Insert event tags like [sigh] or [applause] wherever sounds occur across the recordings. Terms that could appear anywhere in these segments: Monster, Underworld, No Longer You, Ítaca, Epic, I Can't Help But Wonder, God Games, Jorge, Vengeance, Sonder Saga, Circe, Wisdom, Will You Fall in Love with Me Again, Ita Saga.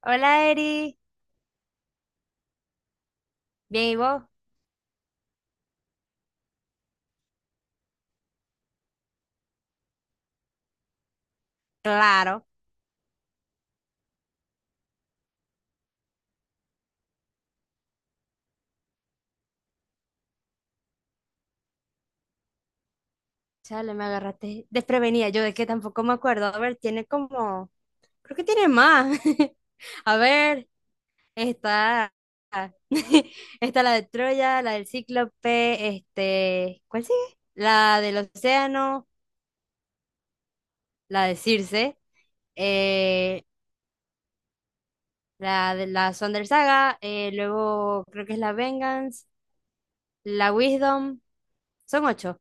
Hola, Eri. Bien, ¿y vos? Claro. Chale, me agarraste desprevenida. Yo de que tampoco me acuerdo. A ver, tiene como... Creo que tiene más. [laughs] A ver, está... [laughs] Está la de Troya, la del Cíclope, este... ¿Cuál sigue? La del Océano, la de Circe, eh, la de la Sonder Saga, luego creo que es la Vengeance, la Wisdom. Son ocho.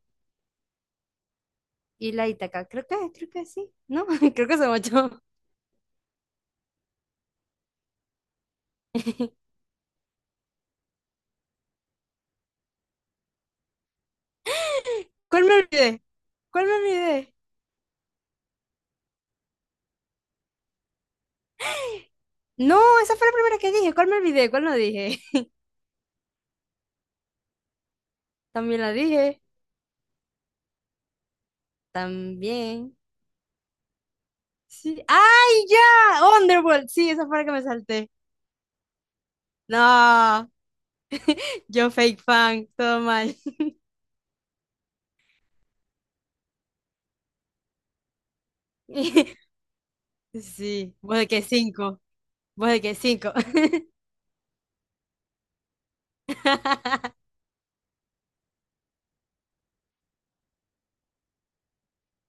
Y la Ítaca. Creo que sí, ¿no? [laughs] Creo que son ocho. [laughs] ¿Cuál me olvidé? ¿Cuál me olvidé? No, esa fue la primera que dije. ¿Cuál me olvidé? ¿Cuál no dije? [laughs] También la dije. También. Sí. ¡Ay, ya! Oh, Underworld. Sí, esa fue la que me salté. No, yo fake fan, todo mal. [laughs] Sí, vos de que cinco, vos de que cinco. [laughs]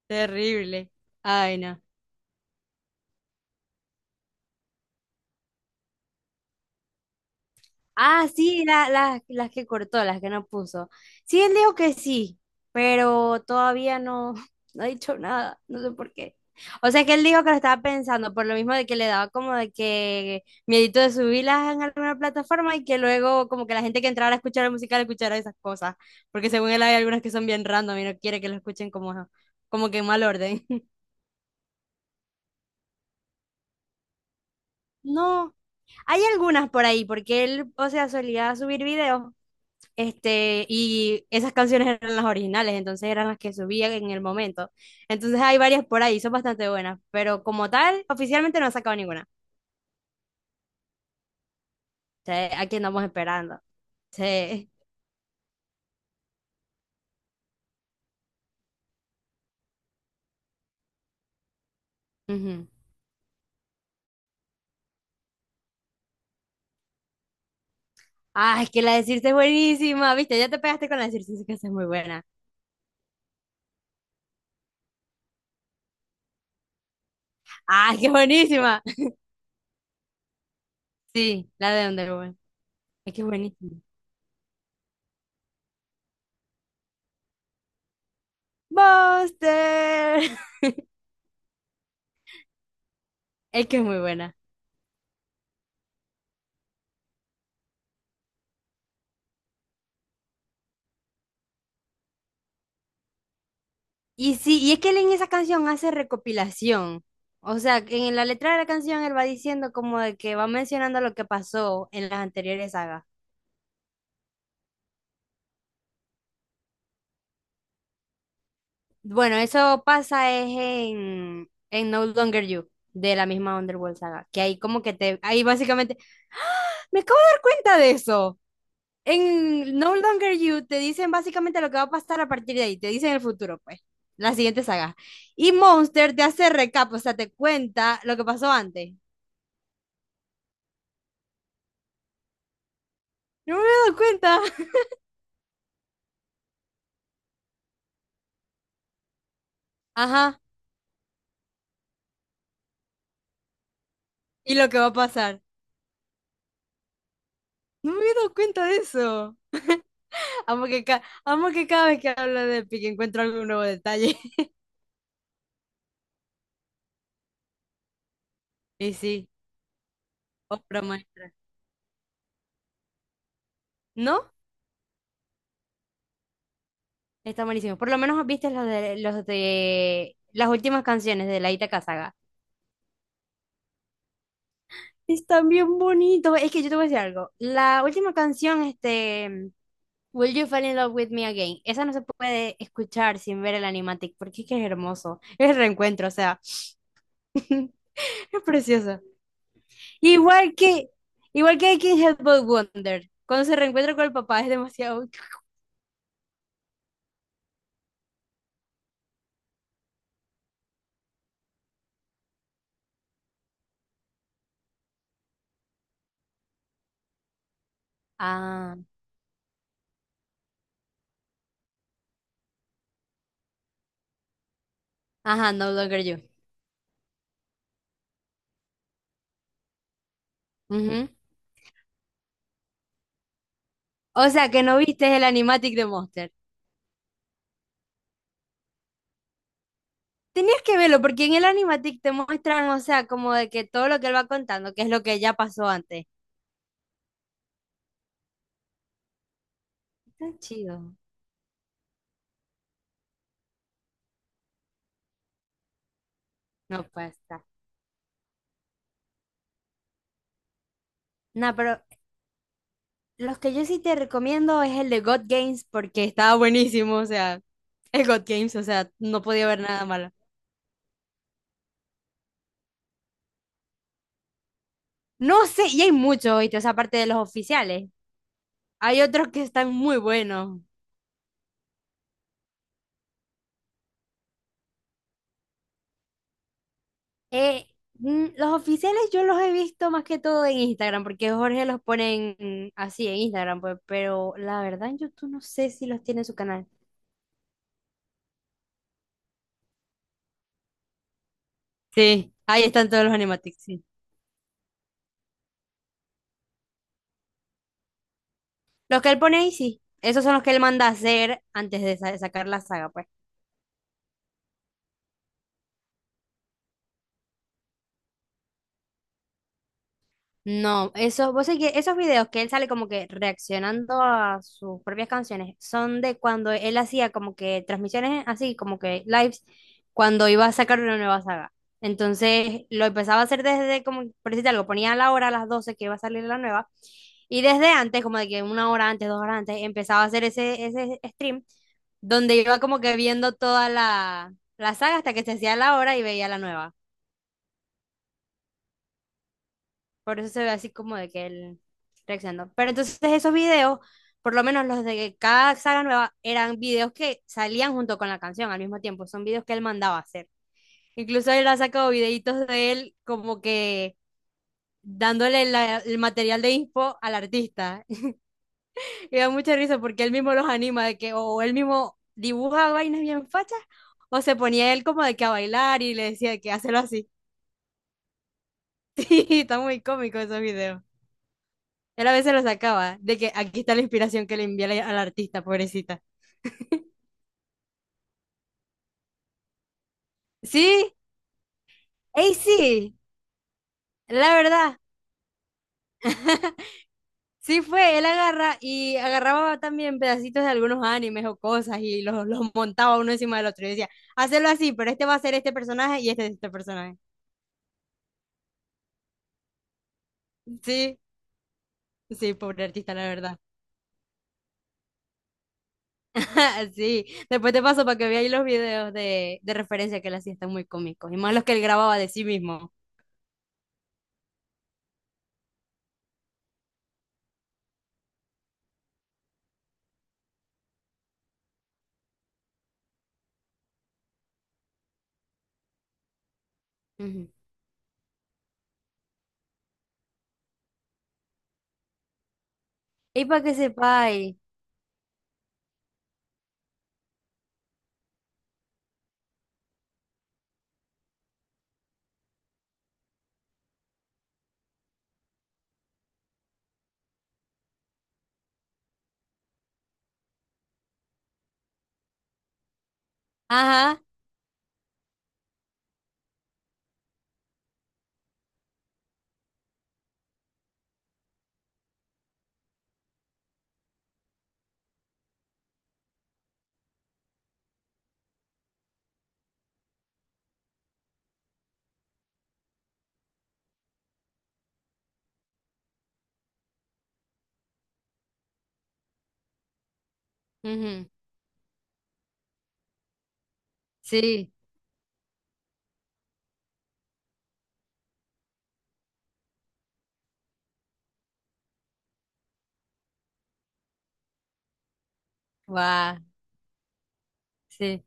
Terrible. Ay, no. Ah, sí, las que cortó, las que no puso. Sí, él dijo que sí, pero todavía no, [laughs] no ha dicho nada, no sé por qué. O sea que él dijo que lo estaba pensando, por lo mismo de que le daba como de que miedito de subirlas en alguna plataforma y que luego como que la gente que entrara a escuchar la música le escuchara esas cosas, porque según él hay algunas que son bien random y no quiere que lo escuchen como, como que en mal orden. [laughs] No, hay algunas por ahí, porque él, o sea, solía subir videos. Este, y esas canciones eran las originales, entonces eran las que subían en el momento. Entonces hay varias por ahí, son bastante buenas, pero como tal, oficialmente no ha sacado ninguna. Sí, aquí andamos esperando. Sí. [laughs] Ujú. Ah, es que la de Circe es buenísima, viste, ya te pegaste con la de Circe, es que esa es muy buena. Ah, es que es buenísima. [laughs] Sí, la de Underworld. Es que es buenísima. Buster. [laughs] Es que es muy buena. Y sí, y es que él en esa canción hace recopilación. O sea, que en la letra de la canción él va diciendo como de que va mencionando lo que pasó en las anteriores sagas. Bueno, eso pasa es en No Longer You, de la misma Underworld saga, que ahí como que te, ahí básicamente, ¡ah! Me acabo de dar cuenta de eso. En No Longer You te dicen básicamente lo que va a pasar a partir de ahí, te dicen el futuro, pues, la siguiente saga. Y Monster te hace recap, o sea, te cuenta lo que pasó antes. No me había dado cuenta. Ajá, y lo que va a pasar. No me había dado cuenta de eso. Amo que, amo que cada vez que hablo de Epic encuentro algún nuevo detalle. [laughs] Y sí, obra maestra. ¿No? Está buenísimo. Por lo menos viste los de las últimas canciones de la Ita Saga. Están bien bonitos. Es que yo te voy a decir algo. La última canción, este, Will You Fall in Love with Me Again? Esa no se puede escuchar sin ver el animatic porque es que es hermoso. Es el reencuentro, o sea, [laughs] es precioso. Igual que, igual que I Can't Help But Wonder. Cuando se reencuentra con el papá es demasiado. [laughs] Ah, ajá, No Longer You. Ujú. O sea, que no viste el animatic de Monster. Tenías que verlo porque en el animatic te muestran, o sea, como de que todo lo que él va contando, que es lo que ya pasó antes. Tan chido. No pasa. No, pero los que yo sí te recomiendo es el de God Games porque estaba buenísimo, o sea, el God Games, o sea, no podía ver nada malo. No sé, y hay muchos, ¿viste? O sea, aparte de los oficiales. Hay otros que están muy buenos. Eh, los oficiales yo los he visto más que todo en Instagram, porque Jorge los pone en- así en Instagram, pues, pero la verdad en YouTube no sé si los tiene en su canal. Sí, ahí están todos los animatics, sí. Los que él pone ahí, sí. Esos son los que él manda a hacer antes de sacar la saga, pues. No, eso, vos sabés que esos videos que él sale como que reaccionando a sus propias canciones son de cuando él hacía como que transmisiones así, como que lives, cuando iba a sacar una nueva saga. Entonces lo empezaba a hacer desde como, por decirte algo, ponía la hora a las 12 que iba a salir la nueva y desde antes, como de que una hora antes, dos horas antes, empezaba a hacer ese stream donde iba como que viendo toda la saga hasta que se hacía la hora y veía la nueva. Por eso se ve así como de que él reaccionó. Pero entonces esos videos, por lo menos los de cada saga nueva, eran videos que salían junto con la canción al mismo tiempo. Son videos que él mandaba hacer. Incluso él ha sacado videitos de él como que dándole el material de info al artista. [laughs] Y da mucha risa porque él mismo los anima de que o él mismo dibuja vainas bien fachas o se ponía él como de que a bailar y le decía que hazlo así. [laughs] Sí, está muy cómico esos videos. Él a veces lo sacaba, de que aquí está la inspiración que le envié al artista, pobrecita. Sí, ey, sí, la verdad, sí fue, él agarra y agarraba también pedacitos de algunos animes o cosas y los montaba uno encima del otro y decía, hacelo así, pero este va a ser este personaje y este es este personaje. Sí, sí, pobre artista, la verdad. [laughs] Sí, después te paso para que veáis los videos de referencia que él hacía, están muy cómicos, y más los que él grababa de sí mismo. Ujú. Y para que sepáis, ajá, ujú, sí. Guau, sí.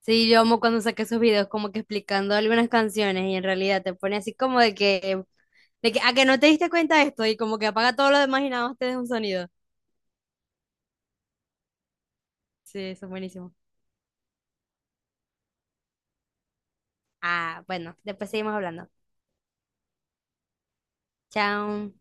Sí, yo amo cuando saqué esos videos como que explicando algunas canciones y en realidad te pone así como de que, a que no te diste cuenta de esto y como que apaga todo lo demás y nada más te deja un sonido. Sí, eso es buenísimo. Ah, bueno, después seguimos hablando. Chao.